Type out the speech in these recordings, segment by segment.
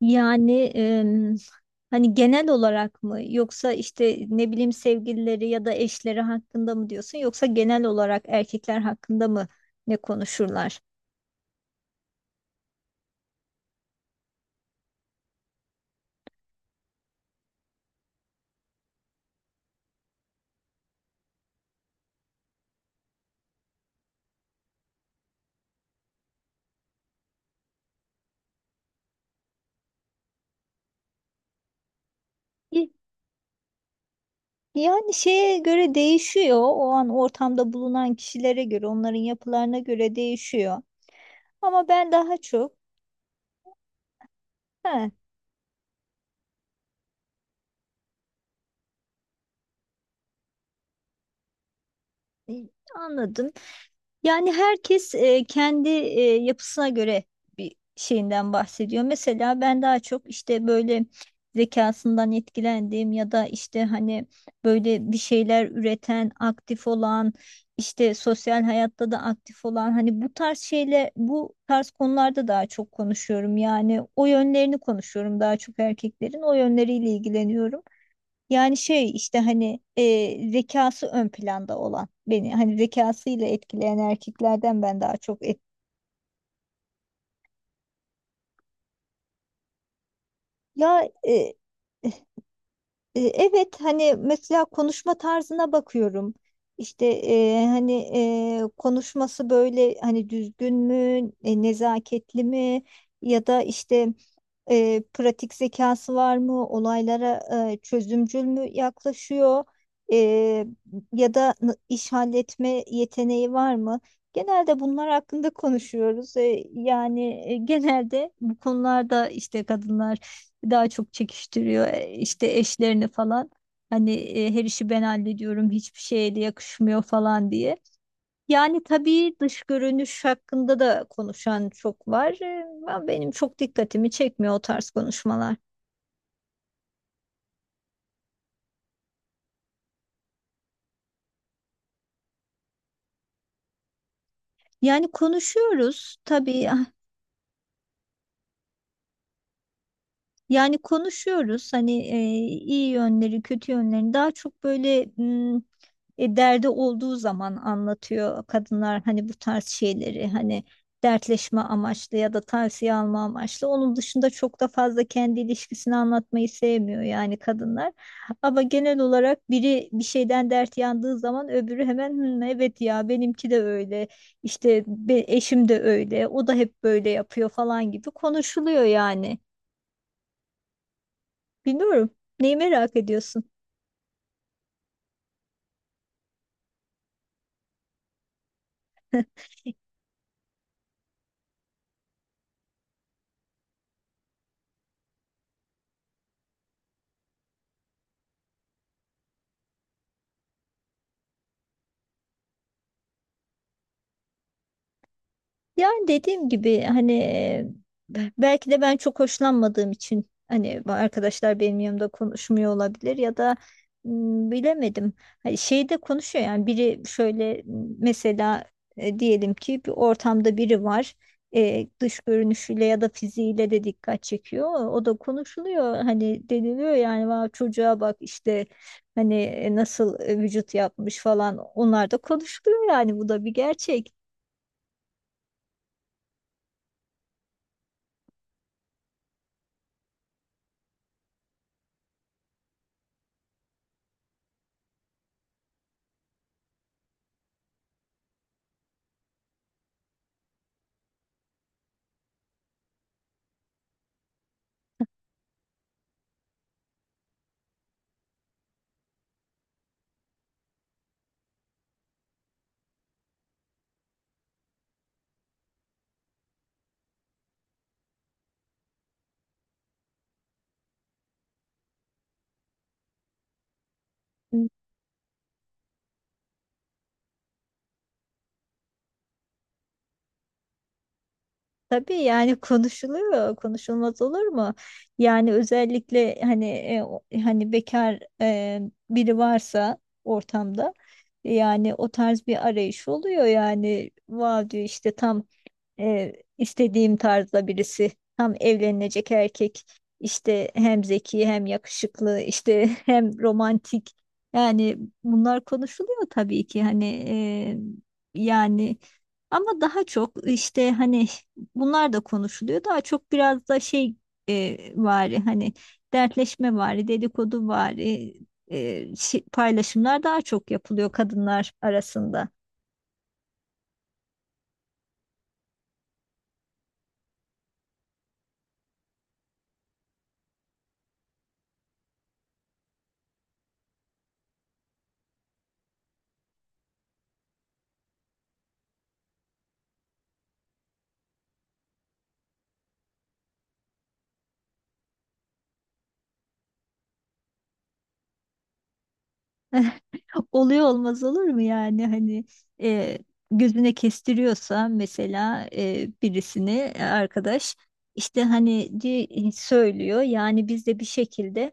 Yani hani genel olarak mı yoksa işte ne bileyim sevgilileri ya da eşleri hakkında mı diyorsun yoksa genel olarak erkekler hakkında mı ne konuşurlar? Y- Yani şeye göre değişiyor. O an ortamda bulunan kişilere göre, onların yapılarına göre değişiyor. Ama ben daha çok he, anladım. Yani herkes kendi yapısına göre bir şeyinden bahsediyor. Mesela ben daha çok işte böyle zekasından etkilendiğim ya da işte hani böyle bir şeyler üreten, aktif olan, işte sosyal hayatta da aktif olan hani bu tarz konularda daha çok konuşuyorum. Yani o yönlerini konuşuyorum, daha çok erkeklerin o yönleriyle ilgileniyorum. Yani şey işte hani zekası ön planda olan, beni hani zekasıyla etkileyen erkeklerden ben daha çok et. Ya e, evet, hani mesela konuşma tarzına bakıyorum. İşte hani konuşması böyle hani düzgün mü, nezaketli mi, ya da işte pratik zekası var mı, olaylara çözümcül mü yaklaşıyor, E, ya da iş halletme yeteneği var mı? Genelde bunlar hakkında konuşuyoruz. Yani genelde bu konularda işte kadınlar daha çok çekiştiriyor işte eşlerini falan. Hani her işi ben hallediyorum, hiçbir şeye de yakışmıyor falan diye. Yani tabii dış görünüş hakkında da konuşan çok var. Ama benim çok dikkatimi çekmiyor o tarz konuşmalar. Yani konuşuyoruz tabii, ah. Yani konuşuyoruz hani iyi yönleri, kötü yönlerini. Daha çok böyle derdi olduğu zaman anlatıyor kadınlar hani bu tarz şeyleri, hani dertleşme amaçlı ya da tavsiye alma amaçlı. Onun dışında çok da fazla kendi ilişkisini anlatmayı sevmiyor yani kadınlar. Ama genel olarak biri bir şeyden dert yandığı zaman öbürü hemen "Hmm, evet ya, benimki de öyle. İşte eşim de öyle. O da hep böyle yapıyor" falan gibi konuşuluyor yani. Bilmiyorum. Neyi merak ediyorsun? Yani dediğim gibi hani belki de ben çok hoşlanmadığım için hani bu arkadaşlar benim yanımda konuşmuyor olabilir, ya da bilemedim. Hani şeyde konuşuyor yani biri şöyle, mesela diyelim ki bir ortamda biri var. Dış görünüşüyle ya da fiziğiyle de dikkat çekiyor. O da konuşuluyor, hani deniliyor yani "Vav, çocuğa bak işte, hani nasıl vücut yapmış" falan. Onlar da konuşuluyor yani, bu da bir gerçek. Tabii yani konuşuluyor, konuşulmaz olur mu? Yani özellikle hani hani bekar biri varsa ortamda, yani o tarz bir arayış oluyor. Yani vav diyor, işte tam istediğim tarzda birisi. Tam evlenilecek erkek. İşte hem zeki hem yakışıklı işte hem romantik. Yani bunlar konuşuluyor tabii ki, hani yani ama daha çok işte hani bunlar da konuşuluyor. Daha çok biraz da şey vari hani, dertleşme vari, dedikodu vari paylaşımlar daha çok yapılıyor kadınlar arasında. Oluyor, olmaz olur mu yani? Hani e, gözüne kestiriyorsa mesela birisini, arkadaş işte hani söylüyor. Yani biz de bir şekilde,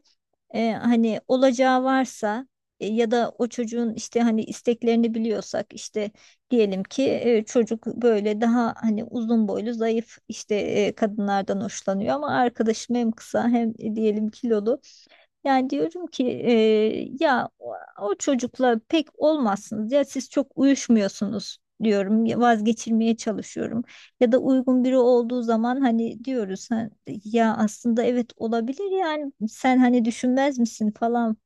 hani olacağı varsa, ya da o çocuğun işte hani isteklerini biliyorsak, işte diyelim ki çocuk böyle daha hani uzun boylu zayıf işte kadınlardan hoşlanıyor ama arkadaşım hem kısa hem diyelim kilolu, yani diyorum ki ya o çocukla pek olmazsınız ya, siz çok uyuşmuyorsunuz diyorum ya, vazgeçirmeye çalışıyorum. Ya da uygun biri olduğu zaman hani diyoruz "Ha, ya aslında evet, olabilir yani, sen hani düşünmez misin" falan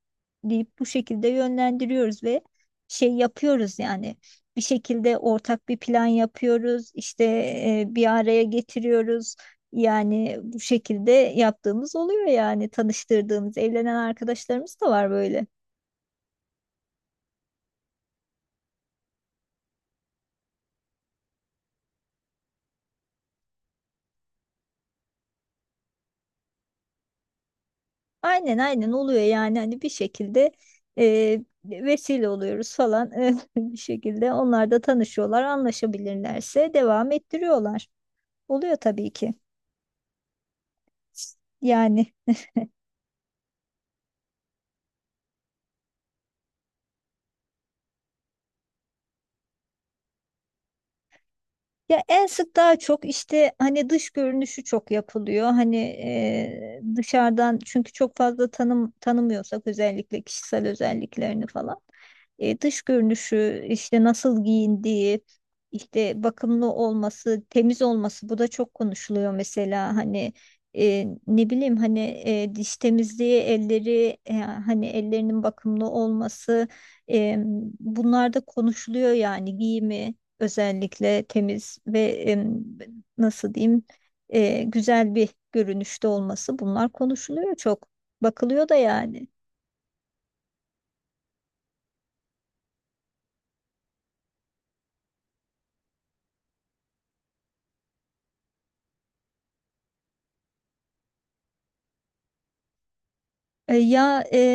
deyip bu şekilde yönlendiriyoruz ve şey yapıyoruz yani, bir şekilde ortak bir plan yapıyoruz. İşte bir araya getiriyoruz. Yani bu şekilde yaptığımız oluyor, yani tanıştırdığımız evlenen arkadaşlarımız da var böyle. Aynen, aynen oluyor yani, hani bir şekilde vesile oluyoruz falan. Bir şekilde onlar da tanışıyorlar, anlaşabilirlerse devam ettiriyorlar. Oluyor tabii ki yani. Ya en sık daha çok işte hani dış görünüşü çok yapılıyor. Hani dışarıdan, çünkü çok fazla tanımıyorsak özellikle kişisel özelliklerini falan. Dış görünüşü, işte nasıl giyindiği, işte bakımlı olması, temiz olması, bu da çok konuşuluyor. Mesela hani ne bileyim, hani diş temizliği, elleri, hani ellerinin bakımlı olması, e, bunlar da konuşuluyor. Yani giyimi özellikle temiz ve nasıl diyeyim, güzel bir görünüşte olması, bunlar konuşuluyor çok. Bakılıyor da yani. E, ya e,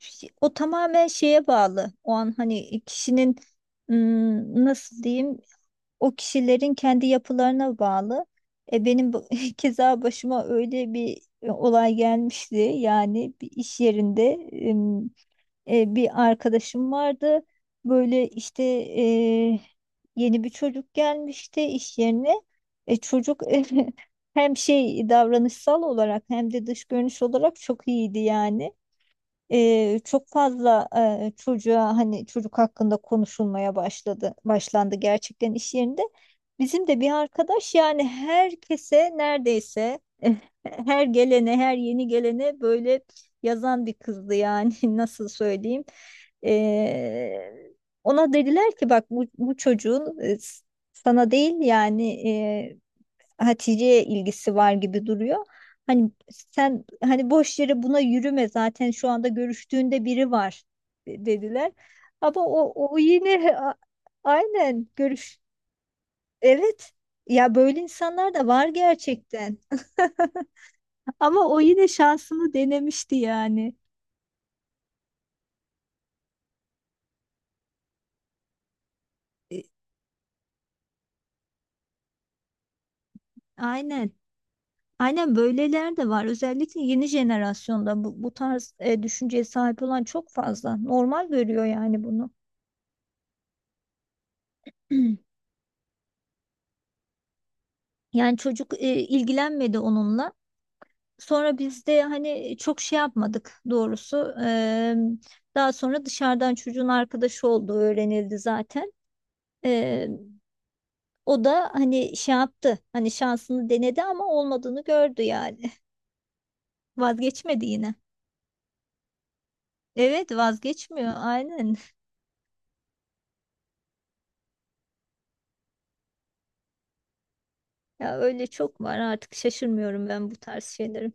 O tamamen şeye bağlı. O an hani kişinin, m, nasıl diyeyim, o kişilerin kendi yapılarına bağlı. Benim keza başıma öyle bir olay gelmişti. Yani bir iş yerinde bir arkadaşım vardı. Böyle işte yeni bir çocuk gelmişti iş yerine. Çocuk hem şey, davranışsal olarak hem de dış görünüş olarak çok iyiydi yani. Çok fazla çocuğa hani, çocuk hakkında konuşulmaya başlandı gerçekten iş yerinde. Bizim de bir arkadaş, yani herkese neredeyse her gelene, her yeni gelene böyle yazan bir kızdı yani. Nasıl söyleyeyim. E, Ona dediler ki "Bak bu çocuğun sana değil yani, Hatice'ye ilgisi var gibi duruyor. Hani sen hani boş yere buna yürüme, zaten şu anda görüştüğünde biri var" dediler. Ama o yine aynen görüş. Evet. Ya böyle insanlar da var gerçekten. Ama o yine şansını denemişti yani. E, Aynen. Aynen, böyleler de var. Özellikle yeni jenerasyonda bu tarz düşünceye sahip olan çok fazla. Normal görüyor yani bunu. Yani çocuk ilgilenmedi onunla. Sonra biz de hani çok şey yapmadık doğrusu. Daha sonra dışarıdan çocuğun arkadaşı olduğu öğrenildi zaten. Eee, O da hani şey yaptı, hani şansını denedi ama olmadığını gördü yani. Vazgeçmedi yine. Evet, vazgeçmiyor aynen. Ya öyle çok var artık, şaşırmıyorum ben bu tarz şeylerin.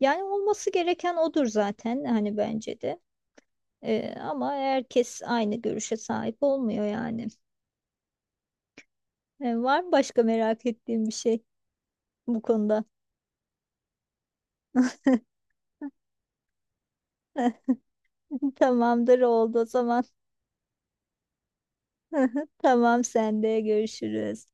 Yani olması gereken odur zaten, hani bence de. Ama herkes aynı görüşe sahip olmuyor yani. Var mı başka merak ettiğim bir şey bu konuda? Tamamdır, oldu o zaman. Tamam, sen de görüşürüz.